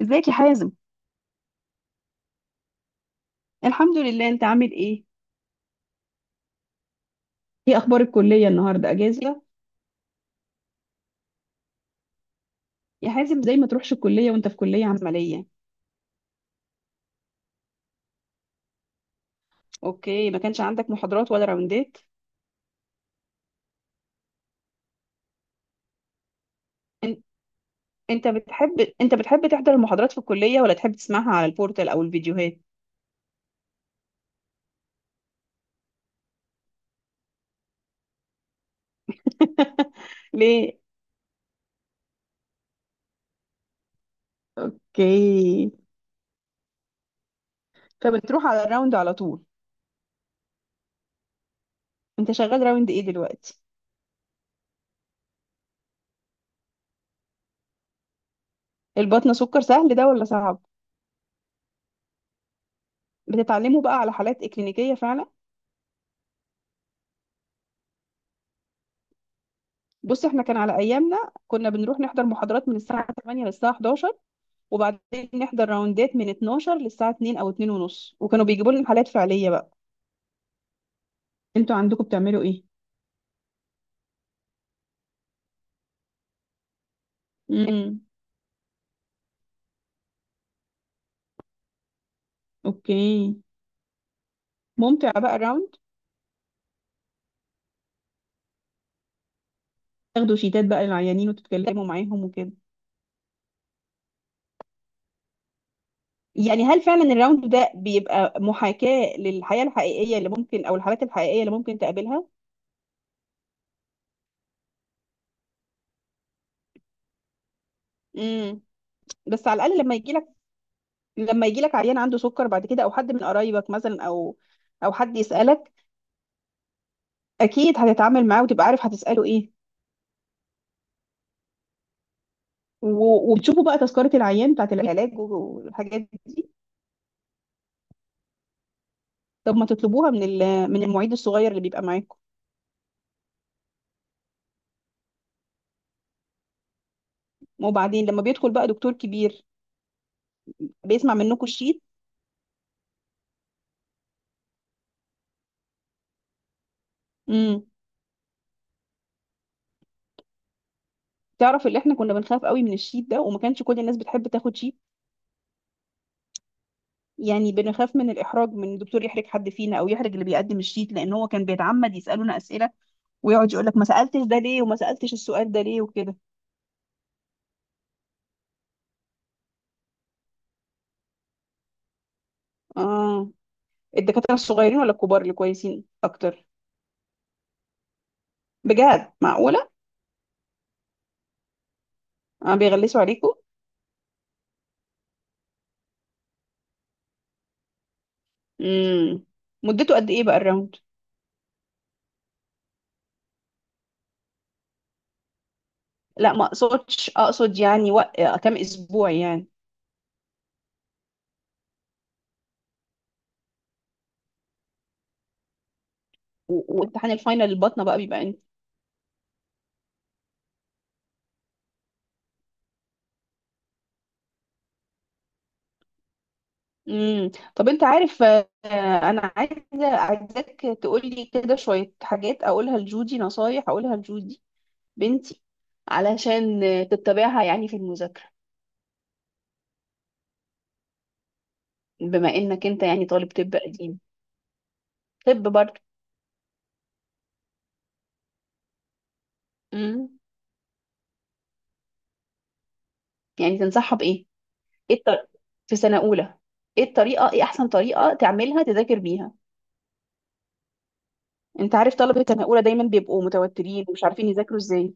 ازيك يا حازم؟ الحمد لله، انت عامل ايه؟ ايه اخبار الكليه؟ النهارده اجازه؟ يا حازم زي ما تروحش الكليه وانت في كليه عمليه. اوكي، ما كانش عندك محاضرات ولا راوندات؟ ان- انت بتحب، انت بتحب تحضر المحاضرات في الكليه ولا تحب تسمعها على البورتال او الفيديوهات؟ ليه؟ اوكي. فبتروح على الراوند على طول؟ انت شغال راوند ايه دلوقتي؟ البطنه سكر سهل ده ولا صعب؟ بتتعلموا بقى على حالات اكلينيكيه فعلا؟ بص، احنا كان على ايامنا كنا بنروح نحضر محاضرات من الساعه 8 للساعه 11، وبعدين نحضر راوندات من 12 للساعة 2 أو 2 ونص، وكانوا بيجيبوا لنا حالات فعلية بقى. انتوا عندكم بتعملوا ايه؟ امم، اوكي. ممتع بقى الراوند؟ تاخدوا شيتات بقى للعيانين وتتكلموا معاهم وكده؟ يعني هل فعلا الراوند ده بيبقى محاكاة للحياة الحقيقية اللي ممكن، أو الحالات الحقيقية اللي ممكن تقابلها؟ امم. بس على الأقل لما يجيلك، لما يجيلك عيان عنده سكر بعد كده، أو حد من قرايبك مثلا، أو أو حد يسألك، أكيد هتتعامل معاه وتبقى عارف هتسأله ايه. وبتشوفوا بقى تذكرة العيان بتاعت العلاج والحاجات دي؟ طب ما تطلبوها من من المعيد الصغير اللي بيبقى معاكم. وبعدين لما بيدخل بقى دكتور كبير، بيسمع منكم الشيت؟ امم. تعرف، اللي احنا كنا بنخاف قوي من الشيت ده، وما كانش كل الناس بتحب تاخد شيت. يعني بنخاف من الاحراج، من الدكتور يحرج حد فينا او يحرج اللي بيقدم الشيت، لان هو كان بيتعمد يسالونا اسئله ويقعد يقول لك ما سالتش ده ليه وما سالتش السؤال ده ليه وكده. اه، الدكاتره الصغيرين ولا الكبار اللي كويسين اكتر؟ بجد؟ معقوله؟ اه، بيغلسوا عليكم؟ امم. مدته قد ايه بقى الراوند؟ لا ما اقصدش، اقصد يعني وق... آه، كام اسبوع يعني. وامتحان الفاينل البطنه بقى بيبقى امتى؟ امم. طب انت عارف، انا عايزاك تقولي كده شويه حاجات اقولها لجودي، نصايح اقولها لجودي بنتي، علشان تتبعها يعني في المذاكره. بما انك انت يعني طالب طب قديم. طب برضه. امم. يعني تنصحها بايه؟ ايه الطر... في سنه اولى. ايه الطريقه، ايه احسن طريقه تعملها تذاكر بيها؟ انت عارف طلبة سنة أولى دايما بيبقوا متوترين ومش عارفين يذاكروا ازاي.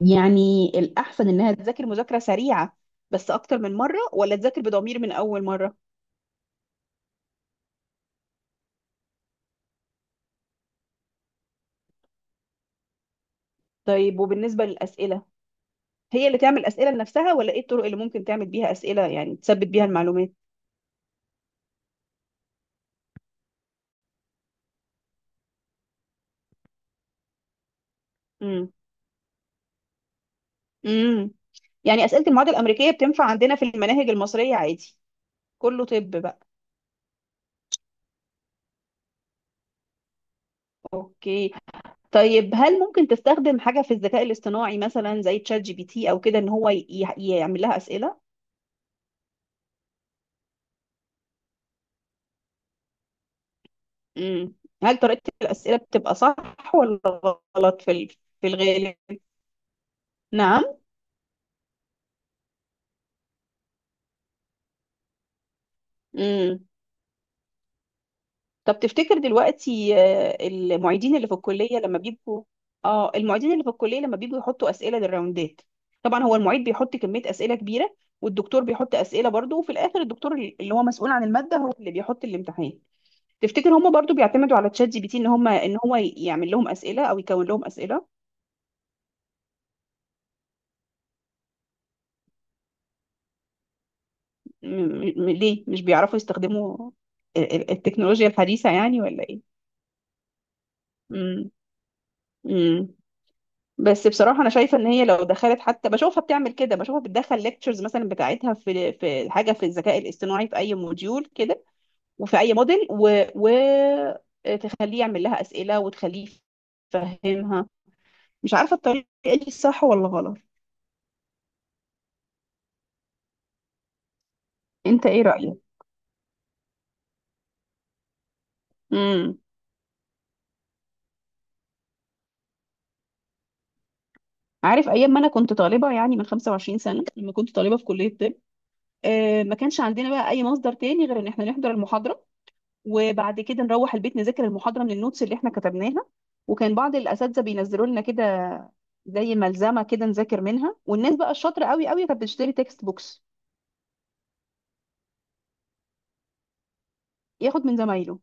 يعني الأحسن إنها تذاكر مذاكرة سريعة بس أكتر من مرة، ولا تذاكر بضمير من أول مرة؟ طيب وبالنسبة للأسئلة، هي اللي تعمل أسئلة لنفسها، ولا إيه الطرق اللي ممكن تعمل بيها أسئلة يعني تثبت بيها المعلومات؟ امم. امم. يعني أسئلة المواد الأمريكية بتنفع عندنا في المناهج المصرية عادي؟ كله طب بقى. أوكي. طيب هل ممكن تستخدم حاجة في الذكاء الاصطناعي مثلا زي تشات جي بي تي أو كده إن هو يعمل لها أسئلة؟ مم. هل طريقة الأسئلة بتبقى صح ولا غلط في في الغالب؟ نعم. مم. طب تفتكر دلوقتي، المعيدين اللي في الكلية لما بيجوا يحطوا أسئلة للراوندات، طبعا هو المعيد بيحط كمية أسئلة كبيرة والدكتور بيحط أسئلة برضه، وفي الآخر الدكتور اللي هو مسؤول عن المادة هو اللي بيحط الامتحان، تفتكر هم برضه بيعتمدوا على تشات جي بي تي ان هم ان هو يعمل لهم أسئلة او يكون لهم أسئلة؟ م- ليه، مش بيعرفوا يستخدموا التكنولوجيا الحديثة يعني ولا ايه؟ مم. مم. بس بصراحة أنا شايفة إن هي لو دخلت، حتى بشوفها بتعمل كده، بشوفها بتدخل ليكتشرز مثلا بتاعتها في في حاجة في الذكاء الاصطناعي في أي موديول كده، وفي أي موديل و... تخليه يعمل لها أسئلة وتخليه يفهمها. مش عارفة الطريقة دي صح ولا غلط. أنت إيه رأيك؟ مم. عارف، أيام ما أنا كنت طالبة، يعني من 25 سنة لما كنت طالبة في كلية طب، ما كانش عندنا بقى اي مصدر تاني غير ان احنا نحضر المحاضره، وبعد كده نروح البيت نذاكر المحاضره من النوتس اللي احنا كتبناها. وكان بعض الاساتذه بينزلوا لنا كده زي ملزمه كده نذاكر منها، والناس بقى الشاطره قوي قوي كانت بتشتري تكست بوكس. ياخد من زمايله،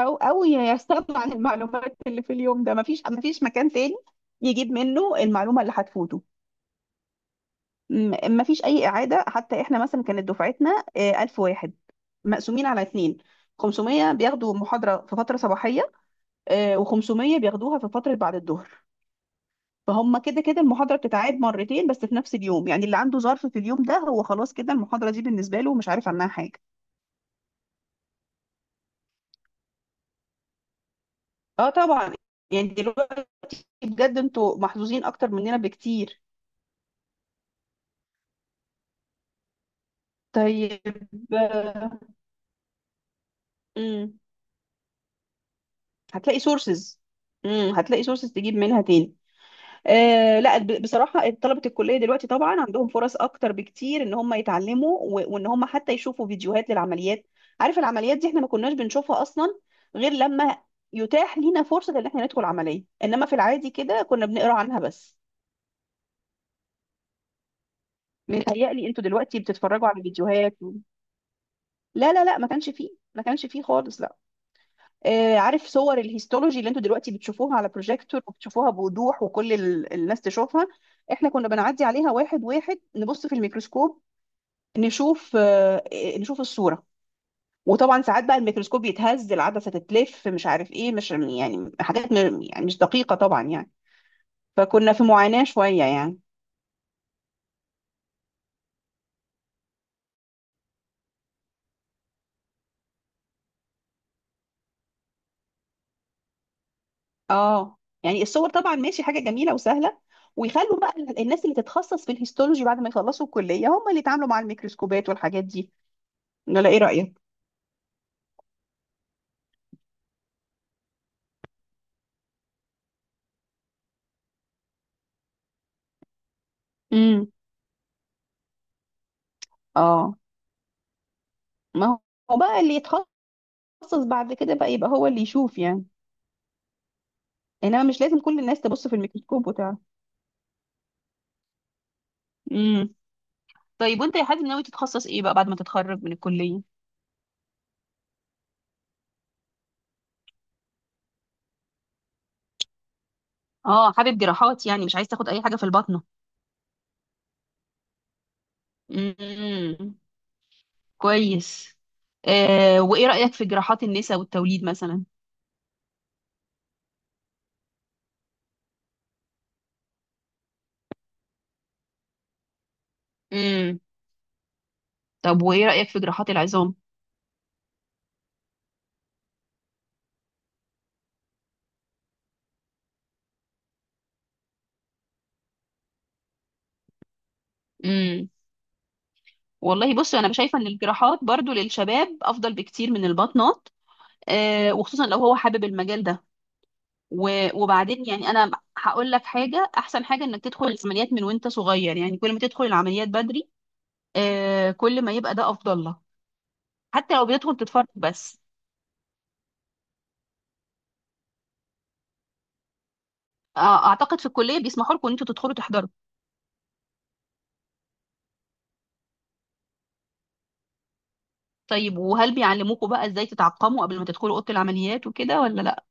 او يستغنى عن المعلومات اللي في اليوم ده. مفيش، مكان تاني يجيب منه المعلومه اللي هتفوته. مفيش اي اعاده حتى. احنا مثلا كانت دفعتنا 1000 واحد، مقسومين على اتنين. 500 بياخدوا محاضره في فتره صباحيه، و500 بياخدوها في فترة بعد الظهر. فهم كده كده المحاضرة بتتعاد مرتين بس في نفس اليوم، يعني اللي عنده ظرف في اليوم ده هو خلاص كده المحاضرة دي بالنسبة له مش عارف عنها حاجة. اه طبعا. يعني دلوقتي بجد انتوا محظوظين اكتر مننا بكتير. طيب. آه، مم. هتلاقي سورسز. امم، هتلاقي سورسز تجيب منها تاني. آه لا، بصراحة طلبة الكلية دلوقتي طبعا عندهم فرص أكتر بكتير إن هم يتعلموا، وإن هم حتى يشوفوا فيديوهات للعمليات. عارف، العمليات دي إحنا ما كناش بنشوفها أصلا غير لما يتاح لينا فرصة إن إحنا ندخل عملية، إنما في العادي كده كنا بنقرأ عنها بس. متهيألي أنتوا دلوقتي بتتفرجوا على فيديوهات لا لا لا، ما كانش فيه، ما كانش فيه خالص، لا. آه، عارف صور الهيستولوجي اللي أنتوا دلوقتي بتشوفوها على بروجيكتور وبتشوفوها بوضوح وكل الناس تشوفها، إحنا كنا بنعدي عليها واحد واحد نبص في الميكروسكوب، نشوف، نشوف الصورة. وطبعا ساعات بقى الميكروسكوب يتهز، العدسة تتلف، مش عارف ايه، مش يعني حاجات يعني مش دقيقة طبعا يعني. فكنا في معاناة شوية يعني. اه، يعني الصور طبعا ماشي، حاجة جميلة وسهلة، ويخلوا بقى الناس اللي تتخصص في الهيستولوجي بعد ما يخلصوا الكلية هم اللي يتعاملوا مع الميكروسكوبات والحاجات دي. ولا ايه رأيك؟ امم. اه، ما هو بقى اللي يتخصص بعد كده بقى يبقى هو اللي يشوف يعني. انما مش لازم كل الناس تبص في الميكروسكوب وتعرف. طيب، وانت يا حازم ناوي تتخصص ايه بقى بعد ما تتخرج من الكلية؟ اه، حابب جراحات يعني، مش عايز تاخد اي حاجة في البطنة؟ امم، كويس. آه وايه رأيك في جراحات النساء والتوليد مثلا؟ امم. طب وايه رأيك في جراحات العظام؟ امم. والله بص، انا شايفة ان الجراحات برضو للشباب افضل بكتير من البطنات. آه، وخصوصا لو هو حابب المجال ده. وبعدين يعني انا هقول لك حاجة، احسن حاجة انك تدخل العمليات من وانت صغير. يعني كل ما تدخل العمليات بدري، آه، كل ما يبقى ده افضل لك، حتى لو بيدخل تتفرج بس. آه، اعتقد في الكليه بيسمحوا لكم ان انتوا تدخلوا تحضروا. طيب وهل بيعلموكم بقى ازاي تتعقموا قبل ما تدخلوا اوضه العمليات وكده ولا لا؟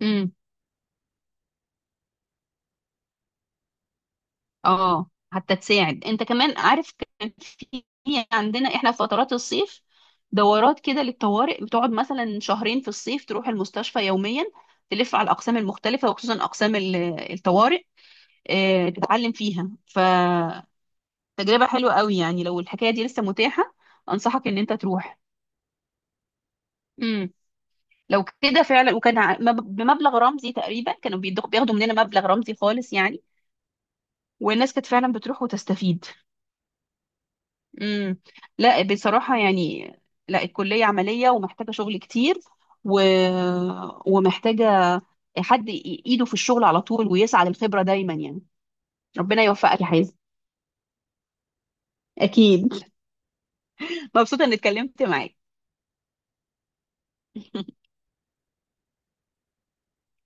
امم. اه، حتى تساعد انت كمان، عارف. كان في عندنا احنا في فترات الصيف دورات كده للطوارئ، بتقعد مثلا شهرين في الصيف تروح المستشفى يوميا، تلف على الاقسام المختلفه وخصوصا اقسام الطوارئ. آه، تتعلم فيها، فتجربه حلوه قوي يعني. لو الحكايه دي لسه متاحه انصحك ان انت تروح. لو كده فعلا، وكان بمبلغ رمزي تقريبا، كانوا بياخدوا مننا مبلغ رمزي خالص يعني، والناس كانت فعلا بتروح وتستفيد. امم. لا بصراحة يعني، لا، الكلية عملية ومحتاجة شغل كتير، و... ومحتاجة حد ايده في الشغل على طول ويسعى للخبرة دايما يعني. ربنا يوفقك يا حازم. اكيد. مبسوطة اني اتكلمت معاك.